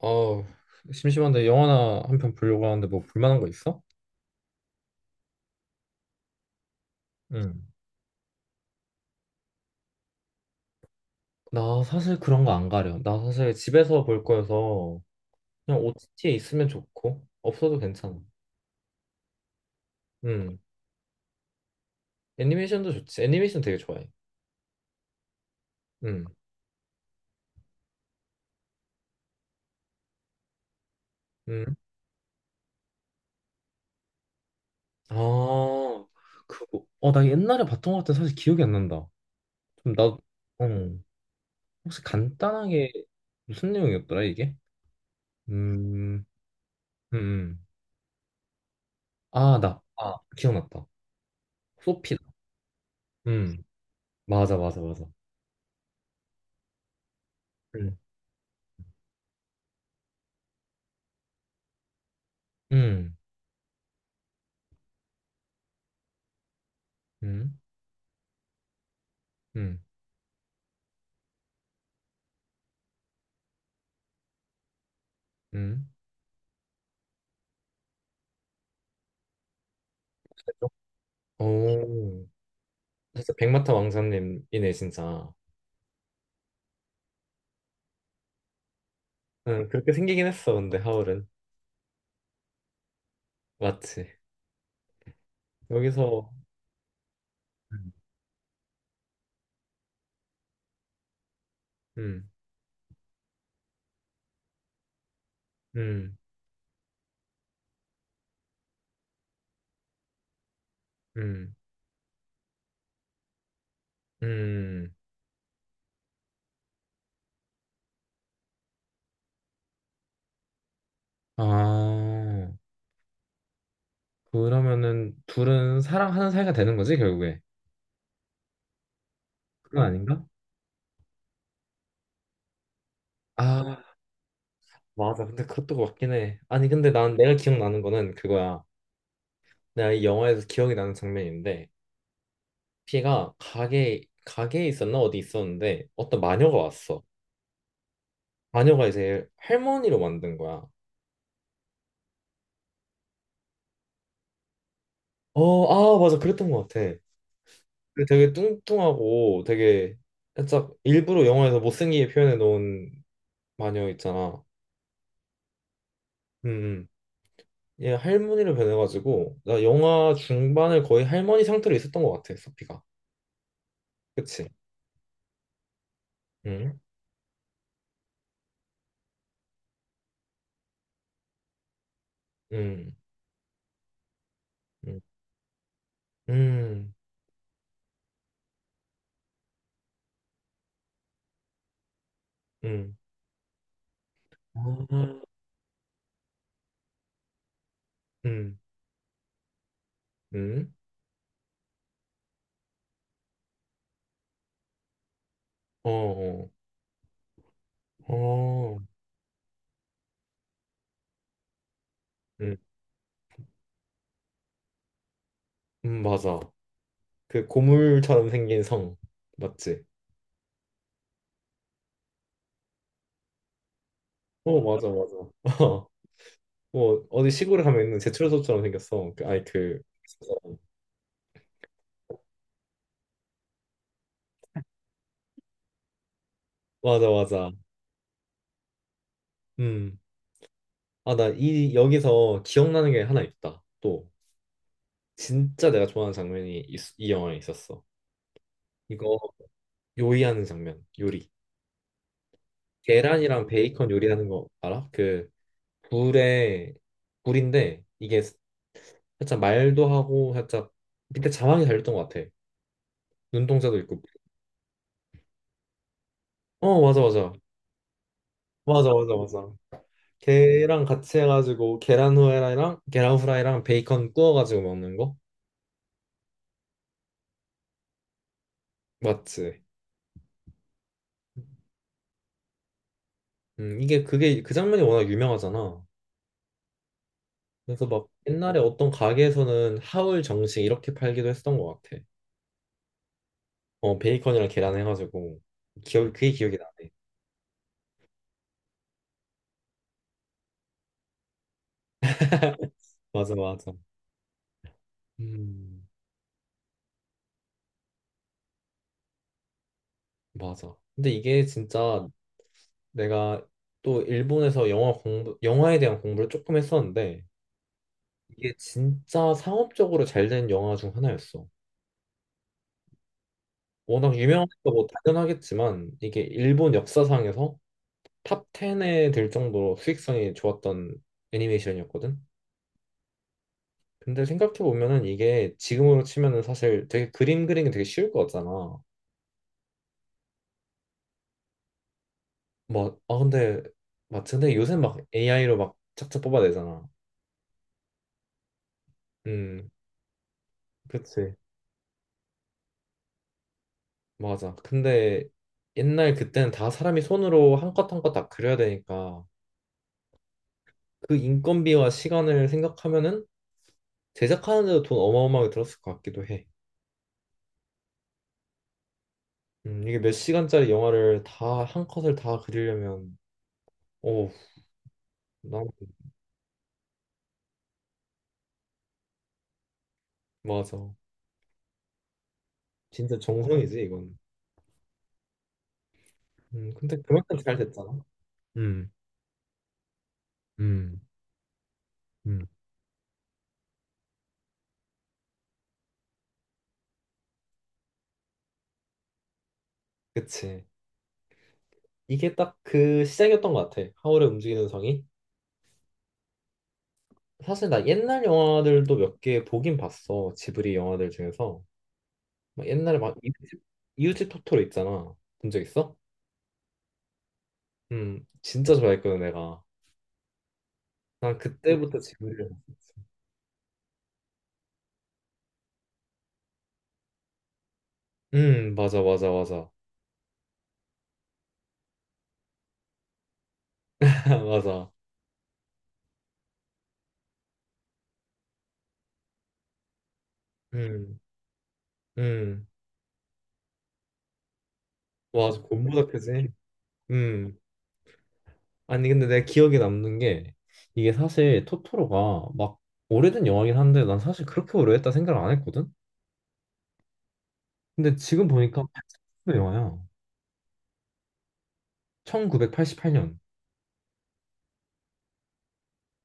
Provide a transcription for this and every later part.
어, 심심한데 영화나 한 편 보려고 하는데 뭐 볼만한 거 있어? 응. 나 사실 그런 거 안 가려. 나 사실 집에서 볼 거여서 그냥 OTT에 있으면 좋고 없어도 괜찮아. 응. 애니메이션도 좋지. 애니메이션 되게 좋아해. 응, 응. 아, 그거. 나 옛날에 봤던 것 같아. 사실 기억이 안 난다. 좀 나, 어, 혹시 간단하게 무슨 내용이었더라 이게? 음, 음, 음. 아, 나, 기억났다. 소피다. 음, 맞아, 맞아, 맞아. 음, 음, 음, 음. 그래서? 오, 진짜 백마탄 왕자님이네, 진짜. 응, 그렇게 생기긴 했어, 근데 하울은. 맞지. 여기서. 음, 음, 음, 음. 음. 아, 그러면은 둘은 사랑하는 사이가 되는 거지, 결국에? 그건 아닌가? 아, 맞아. 근데 그것도 맞긴 해. 아니, 근데 난 내가 기억나는 거는 그거야. 내가 이 영화에서 기억이 나는 장면인데, 피가 가게에 있었나 어디 있었는데 어떤 마녀가 왔어. 마녀가 이제 할머니로 만든 거야. 어, 아, 맞아. 그랬던 것 같아. 근데 되게 뚱뚱하고 되게 살짝 일부러 영화에서 못생기게 표현해 놓은 마녀 있잖아. 음, 음. 얘 할머니로 변해가지고 나 영화 중반을 거의 할머니 상태로 있었던 것 같아. 소피가. 그치? 음, 음, 음, 음, 음, 아, 음, 음, 어, 어, 어, 음, 맞아. 그 고물처럼 생긴 성. 맞지? 어, 맞아, 맞아. 어. 뭐 어디 시골에 가면 있는 제철소처럼 생겼어 그, 아니 그. 맞아, 맞아. 음아. 나 이 여기서 기억나는 게 하나 있다, 또. 진짜 내가 좋아하는 장면이 이 영화에 있었어. 이거, 요리하는 장면. 요리, 계란이랑 베이컨 요리하는 거 알아? 그, 불에. 불인데, 이게 살짝 말도 하고, 살짝 밑에 자막이 달렸던 것 같아. 눈동자도 있고. 어, 맞아, 맞아, 맞아. 맞아, 맞아. 걔랑 같이 해가지고 계란 후라이랑 베이컨 구워가지고 먹는 거. 맞지. 음, 이게 그게 그 장면이 워낙 유명하잖아. 그래서 막 옛날에 어떤 가게에서는 하울 정식 이렇게 팔기도 했었던 것 같아. 어, 베이컨이랑 계란 해가지고. 기억 그게 기억이 나네. 맞아, 맞아. 음, 맞아. 근데 이게 진짜, 내가 또 일본에서 영화에 대한 공부를 조금 했었는데, 이게 진짜 상업적으로 잘 된 영화 중 하나였어. 워낙 유명하니까 뭐 당연하겠지만 이게 일본 역사상에서 탑 10에 들 정도로 수익성이 좋았던 애니메이션이었거든. 근데 생각해 보면은 이게 지금으로 치면은 사실 되게 그림 그리기 되게 쉬울 것 같잖아. 뭐, 아, 근데 맞지? 근데 요새 막 AI로 막 착착 뽑아내잖아. 음, 그치. 맞아. 근데 옛날 그때는 다 사람이 손으로 한 컷 한 컷 다 그려야 되니까 그 인건비와 시간을 생각하면은 제작하는 데도 돈 어마어마하게 들었을 것 같기도 해. 이게 몇 시간짜리 영화를 다 한 컷을 다 그리려면. 오, 난 맞아. 진짜 정성이지 이건. 근데 그만큼 잘 됐잖아. 음, 음, 음. 그치. 이게 딱 그 시작이었던 것 같아. 하울의 움직이는 성이. 사실 나 옛날 영화들도 몇 개 보긴 봤어. 지브리 영화들 중에서. 막 옛날에 막 이웃집 토토로 있잖아. 본 적 있어? 진짜 좋아했거든 내가. 난 그때부터 지브리를 봤었지. 맞아, 맞아, 맞아. 맞아. 음. 음, 와, 곰보다 크지? 음, 아니, 근데 내 기억에 남는 게, 이게 사실 토토로가 막 오래된 영화긴 한데, 난 사실 그렇게 오래됐다 생각을 안 했거든? 근데 지금 보니까 80년도 영화야. 1988년.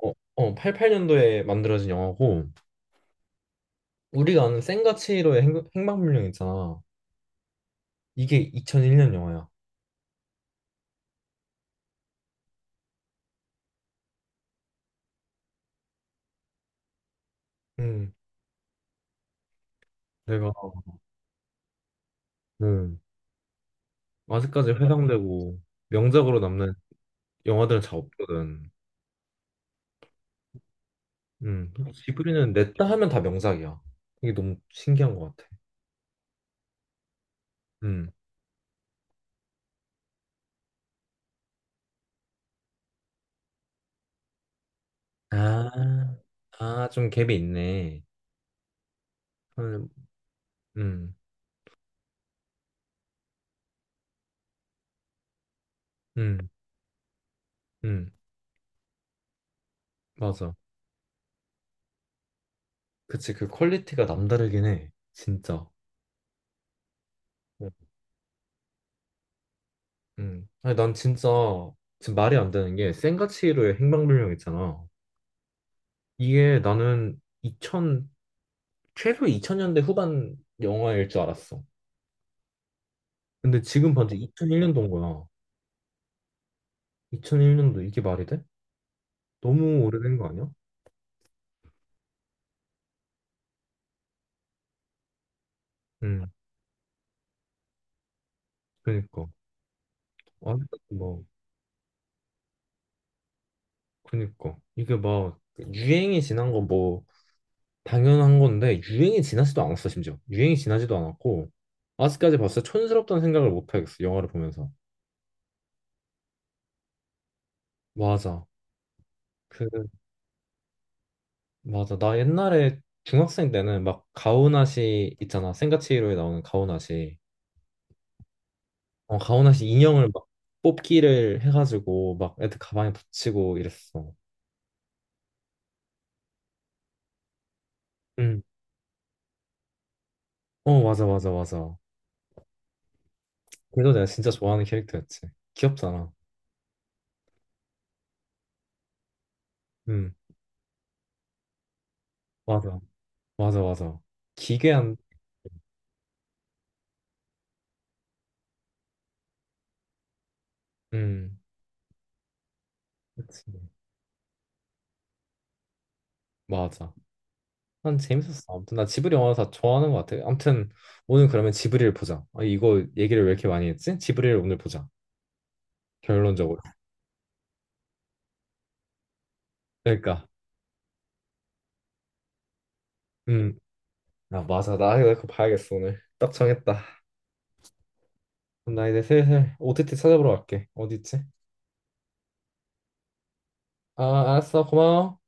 88년도에 만들어진 영화고, 우리가 아는 센과 치히로의 행방불명 있잖아. 이게 2001년 영화야. 음, 내가, 음, 아직까지 회상되고, 명작으로 남는 영화들은 잘 없거든. 지브리는 냈다 하면 다 명작이야. 이게 너무 신기한 것 같아. 음. 아, 아, 좀 갭이 있네. 음, 음, 음, 음, 맞아. 그치, 그 퀄리티가 남다르긴 해. 진짜. 어, 아니, 난 진짜, 지금 말이 안 되는 게, 센과 치히로의 행방불명 있잖아. 이게 나는 2000, 최소 2000년대 후반 영화일 줄 알았어. 근데 지금 봤는데 2001년도인 거야. 2001년도 이게 말이 돼? 너무 오래된 거 아니야? 음. 그니까 아직지뭐, 그니까 이게 막 유행이 지난 건 뭐 당연한 건데, 유행이 지나지도 않았어. 심지어 유행이 지나지도 않았고 아직까지 봤을 때 촌스럽다는 생각을 못 하겠어, 영화를 보면서. 맞아. 그, 맞아. 나 옛날에 중학생 때는 막 가오나시 있잖아. 센가치히로에 나오는 가오나시, 어, 가오나시 인형을 막 뽑기를 해가지고 막 애들 가방에 붙이고 이랬어. 응. 어, 맞아, 맞아, 맞아. 그래서 내가 진짜 좋아하는 캐릭터였지. 귀엽잖아. 음. 맞아, 맞아, 맞아. 기괴한. 음, 그치. 맞아. 난 재밌었어. 아무튼 나 지브리 영화 다 좋아하는 것 같아. 아무튼 오늘 그러면 지브리를 보자. 아, 이거 얘기를 왜 이렇게 많이 했지? 지브리를 오늘 보자. 결론적으로. 그러니까, 음, 아, 맞아. 나 이거 그거 봐야겠어 오늘. 딱 정했다. 그럼 나 이제 슬슬 OTT 찾아보러 갈게. 어디 있지? 아, 알았어. 고마워.